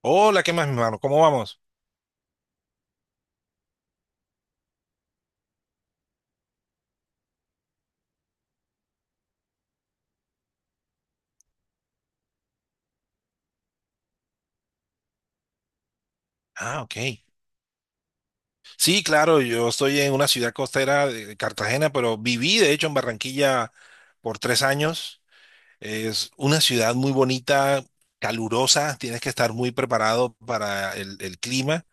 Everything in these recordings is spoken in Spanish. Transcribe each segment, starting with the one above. Hola, ¿qué más, mi hermano? ¿Cómo vamos? Ah, ok. Sí, claro, yo estoy en una ciudad costera de Cartagena, pero viví, de hecho, en Barranquilla por 3 años. Es una ciudad muy bonita, calurosa, tienes que estar muy preparado para el clima.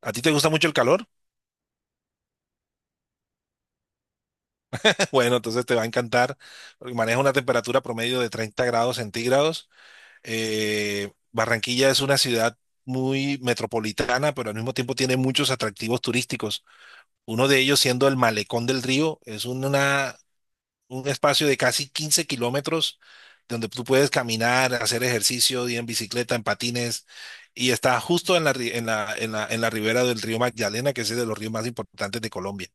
¿A ti te gusta mucho el calor? Bueno, entonces te va a encantar, porque maneja una temperatura promedio de 30 °C. Barranquilla es una ciudad muy metropolitana, pero al mismo tiempo tiene muchos atractivos turísticos. Uno de ellos siendo el Malecón del Río, un espacio de casi 15 km donde tú puedes caminar, hacer ejercicio, ir en bicicleta, en patines, y está justo en la, en la ribera del río Magdalena, que es uno de los ríos más importantes de Colombia.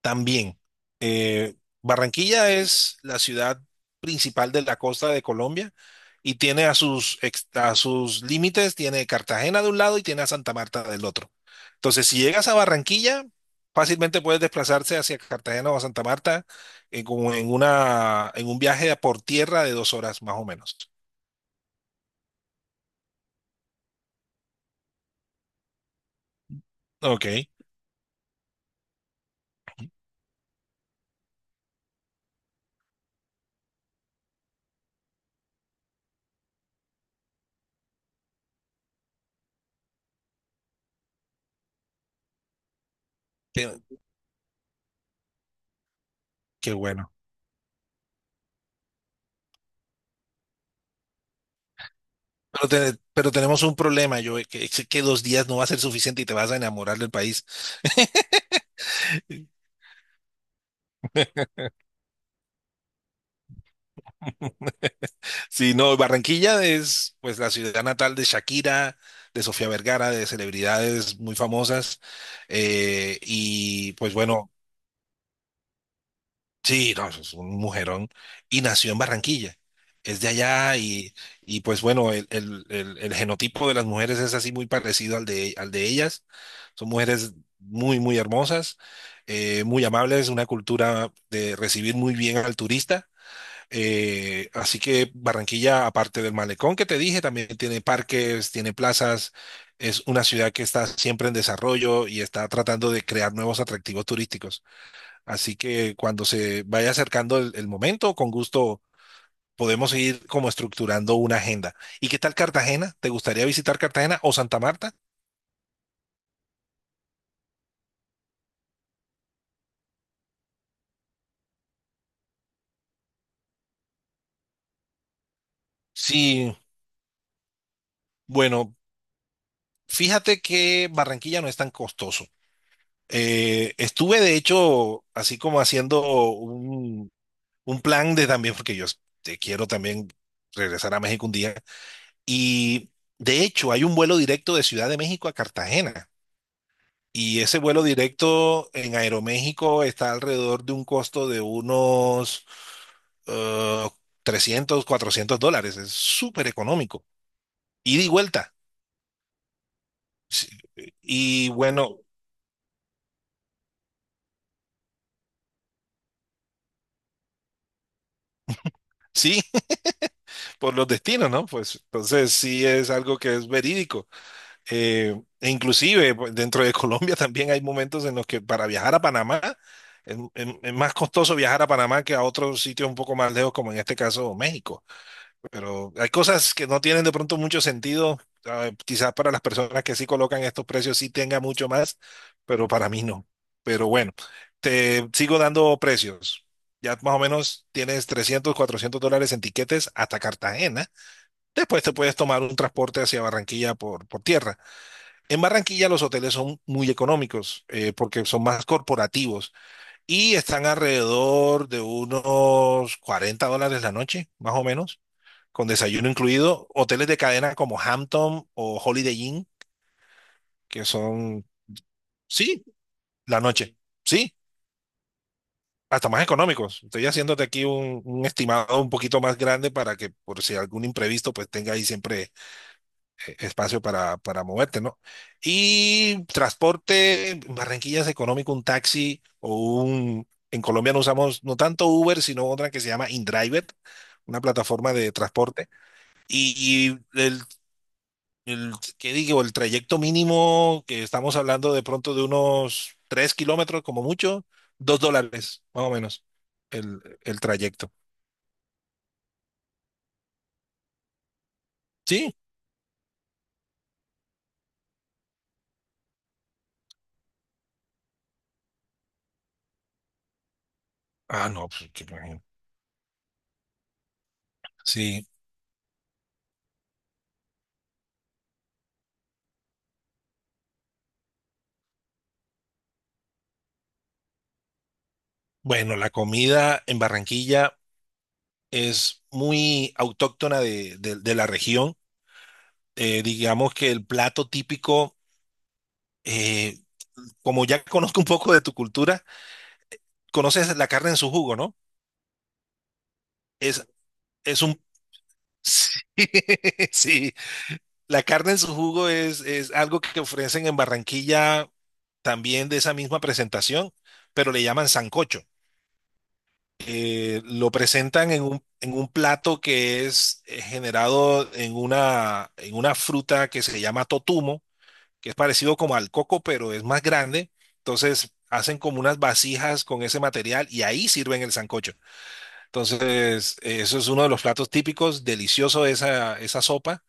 También, eh, Barranquilla es la ciudad principal de la costa de Colombia y tiene a sus límites, tiene Cartagena de un lado y tiene a Santa Marta del otro. Entonces, si llegas a Barranquilla, fácilmente puedes desplazarse hacia Cartagena o a Santa Marta en, como en, una, en un viaje por tierra de 2 horas más o menos. Ok, qué, qué bueno. Pero tenemos un problema, yo que 2 días no va a ser suficiente y te vas a enamorar del país. Sí, no, Barranquilla es pues la ciudad natal de Shakira, de Sofía Vergara, de celebridades muy famosas. Y pues bueno, sí, no, es un mujerón. Y nació en Barranquilla. Es de allá y, pues bueno, el genotipo de las mujeres es así muy parecido al de ellas. Son mujeres muy, muy hermosas, muy amables, una cultura de recibir muy bien al turista. Así que Barranquilla, aparte del malecón que te dije, también tiene parques, tiene plazas. Es una ciudad que está siempre en desarrollo y está tratando de crear nuevos atractivos turísticos. Así que cuando se vaya acercando el momento, con gusto podemos ir como estructurando una agenda. ¿Y qué tal Cartagena? ¿Te gustaría visitar Cartagena o Santa Marta? Sí, bueno, fíjate que Barranquilla no es tan costoso. Estuve de hecho así como haciendo un, un plan de también, porque yo te quiero también regresar a México un día. Y de hecho, hay un vuelo directo de Ciudad de México a Cartagena. Y ese vuelo directo en Aeroméxico está alrededor de un costo de unos eh, 300, $400. Es súper económico. Ida y vuelta. Sí. Y bueno, sí, por los destinos, ¿no? Pues entonces sí es algo que es verídico. E inclusive pues, dentro de Colombia también hay momentos en los que para viajar a Panamá es más costoso viajar a Panamá que a otros sitios un poco más lejos, como en este caso México. Pero hay cosas que no tienen de pronto mucho sentido. Quizás para las personas que sí colocan estos precios sí tenga mucho más, pero para mí no. Pero bueno, te sigo dando precios. Ya más o menos tienes $300, $400 en tiquetes hasta Cartagena. Después te puedes tomar un transporte hacia Barranquilla por tierra. En Barranquilla los hoteles son muy económicos, porque son más corporativos y están alrededor de unos $40 la noche, más o menos, con desayuno incluido. Hoteles de cadena como Hampton o Holiday Inn, que son, sí, la noche, sí, hasta más económicos. Estoy haciéndote aquí un estimado un poquito más grande para que por si algún imprevisto pues tenga ahí siempre espacio para moverte, ¿no? Y transporte, en Barranquilla es económico, un taxi o un... En Colombia no usamos no tanto Uber, sino otra que se llama InDriver, una plataforma de transporte. Y el, ¿qué digo? El trayecto mínimo que estamos hablando de pronto de unos 3 km como mucho, $2, más o menos, el trayecto. ¿Sí? Ah, no, pues, qué bueno. Sí. Bueno, la comida en Barranquilla es muy autóctona de la región. Digamos que el plato típico, eh, como ya conozco un poco de tu cultura, conoces la carne en su jugo, ¿no? Es, es un... Sí, sí. La carne en su jugo es algo que ofrecen en Barranquilla también de esa misma presentación, pero le llaman sancocho. Lo presentan en un plato que es generado en una fruta que se llama totumo que es parecido como al coco, pero es más grande. Entonces hacen como unas vasijas con ese material y ahí sirven el sancocho. Entonces, eso es uno de los platos típicos, delicioso esa sopa.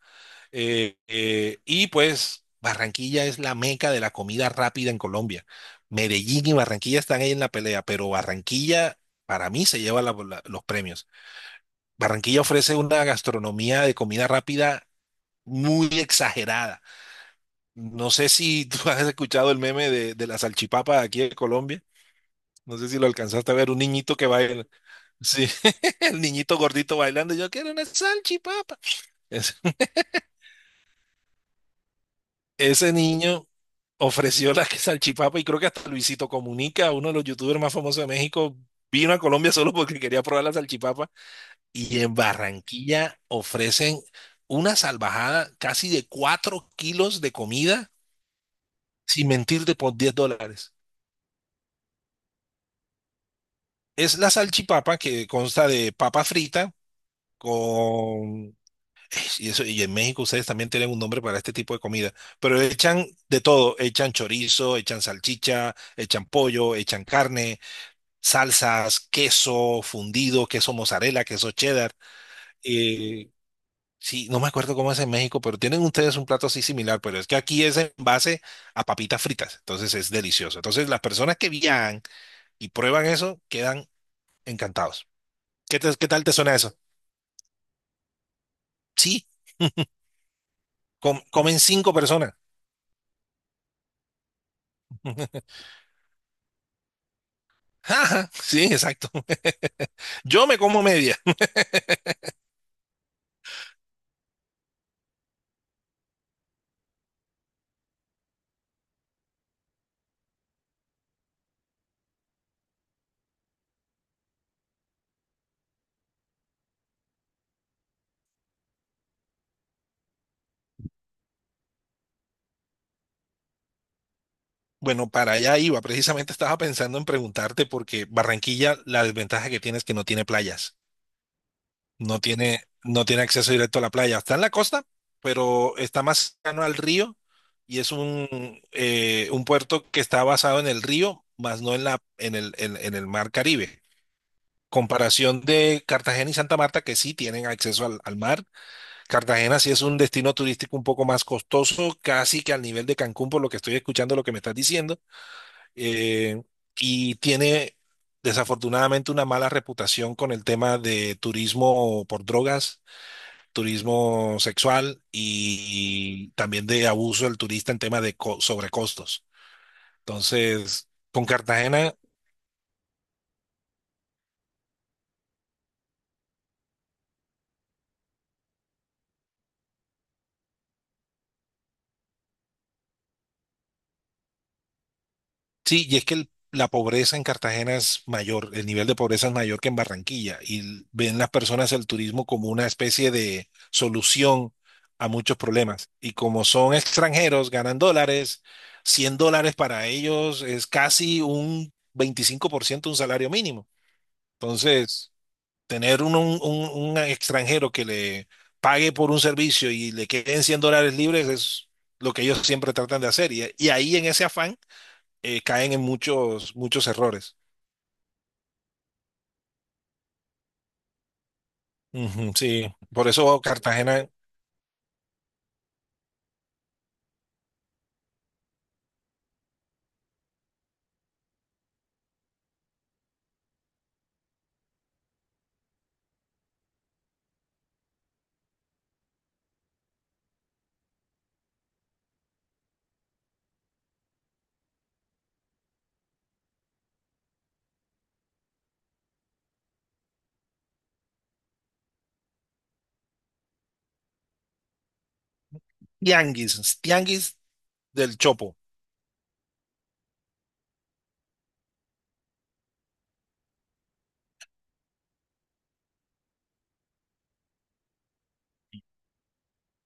Y pues Barranquilla es la meca de la comida rápida en Colombia. Medellín y Barranquilla están ahí en la pelea, pero Barranquilla para mí se lleva los premios. Barranquilla ofrece una gastronomía de comida rápida muy exagerada. No sé si tú has escuchado el meme de la salchipapa de aquí de Colombia. No sé si lo alcanzaste a ver, un niñito que baila. Sí, el niñito gordito bailando. Yo quiero una salchipapa. Es- Ese niño ofreció la que salchipapa y creo que hasta Luisito Comunica, uno de los youtubers más famosos de México, vino a Colombia solo porque quería probar la salchipapa. Y en Barranquilla ofrecen una salvajada casi de 4 kg de comida, sin mentirte, por $10. Es la salchipapa que consta de papa frita con... Y, eso, y en México ustedes también tienen un nombre para este tipo de comida, pero echan de todo, echan chorizo, echan salchicha, echan pollo, echan carne, salsas, queso fundido, queso mozzarella, queso cheddar. eh, sí, no me acuerdo cómo es en México, pero tienen ustedes un plato así similar, pero es que aquí es en base a papitas fritas, entonces es delicioso. Entonces las personas que viajan y prueban eso quedan encantados. ¿Qué tal te suena eso? Sí, comen cinco personas. Ajá, sí, exacto. Yo me como media. Bueno, para allá iba. Precisamente estaba pensando en preguntarte porque Barranquilla, la desventaja que tiene es que no tiene playas. No tiene acceso directo a la playa. Está en la costa, pero está más cercano al río y es un puerto que está basado en el río, más no en la, en el mar Caribe. Comparación de Cartagena y Santa Marta, que sí tienen acceso al mar. Cartagena sí es un destino turístico un poco más costoso, casi que al nivel de Cancún, por lo que estoy escuchando, lo que me estás diciendo, eh, y tiene desafortunadamente una mala reputación con el tema de turismo por drogas, turismo sexual y también de abuso del turista en tema de sobrecostos. Entonces, con Cartagena. Sí, y es que la pobreza en Cartagena es mayor, el nivel de pobreza es mayor que en Barranquilla, y ven las personas el turismo como una especie de solución a muchos problemas. Y como son extranjeros, ganan dólares, $100 para ellos es casi un 25% un salario mínimo. Entonces, tener un extranjero que le pague por un servicio y le queden $100 libres es lo que ellos siempre tratan de hacer. Y ahí en ese afán caen en muchos, muchos errores. Ujú, sí, por eso Cartagena, tianguis, tianguis del Chopo.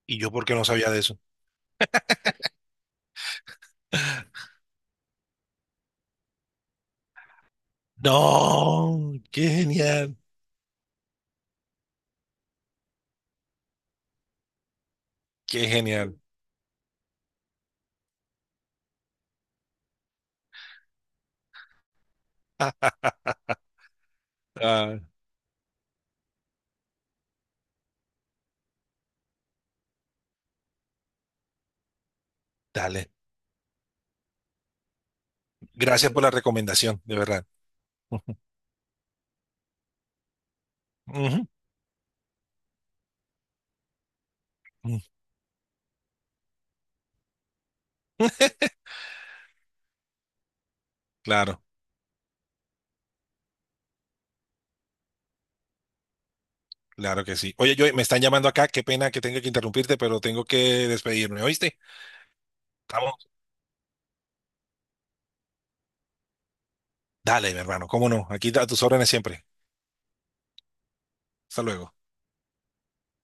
Y yo porque no sabía de eso. No, qué genial, qué genial. Ah, dale, gracias por la recomendación, de verdad. Ujú, ujú. Claro, claro que sí. Oye, yo me están llamando acá, qué pena que tenga que interrumpirte, pero tengo que despedirme, ¿oíste? Estamos. Dale, mi hermano, cómo no, aquí a tus órdenes siempre. Hasta luego.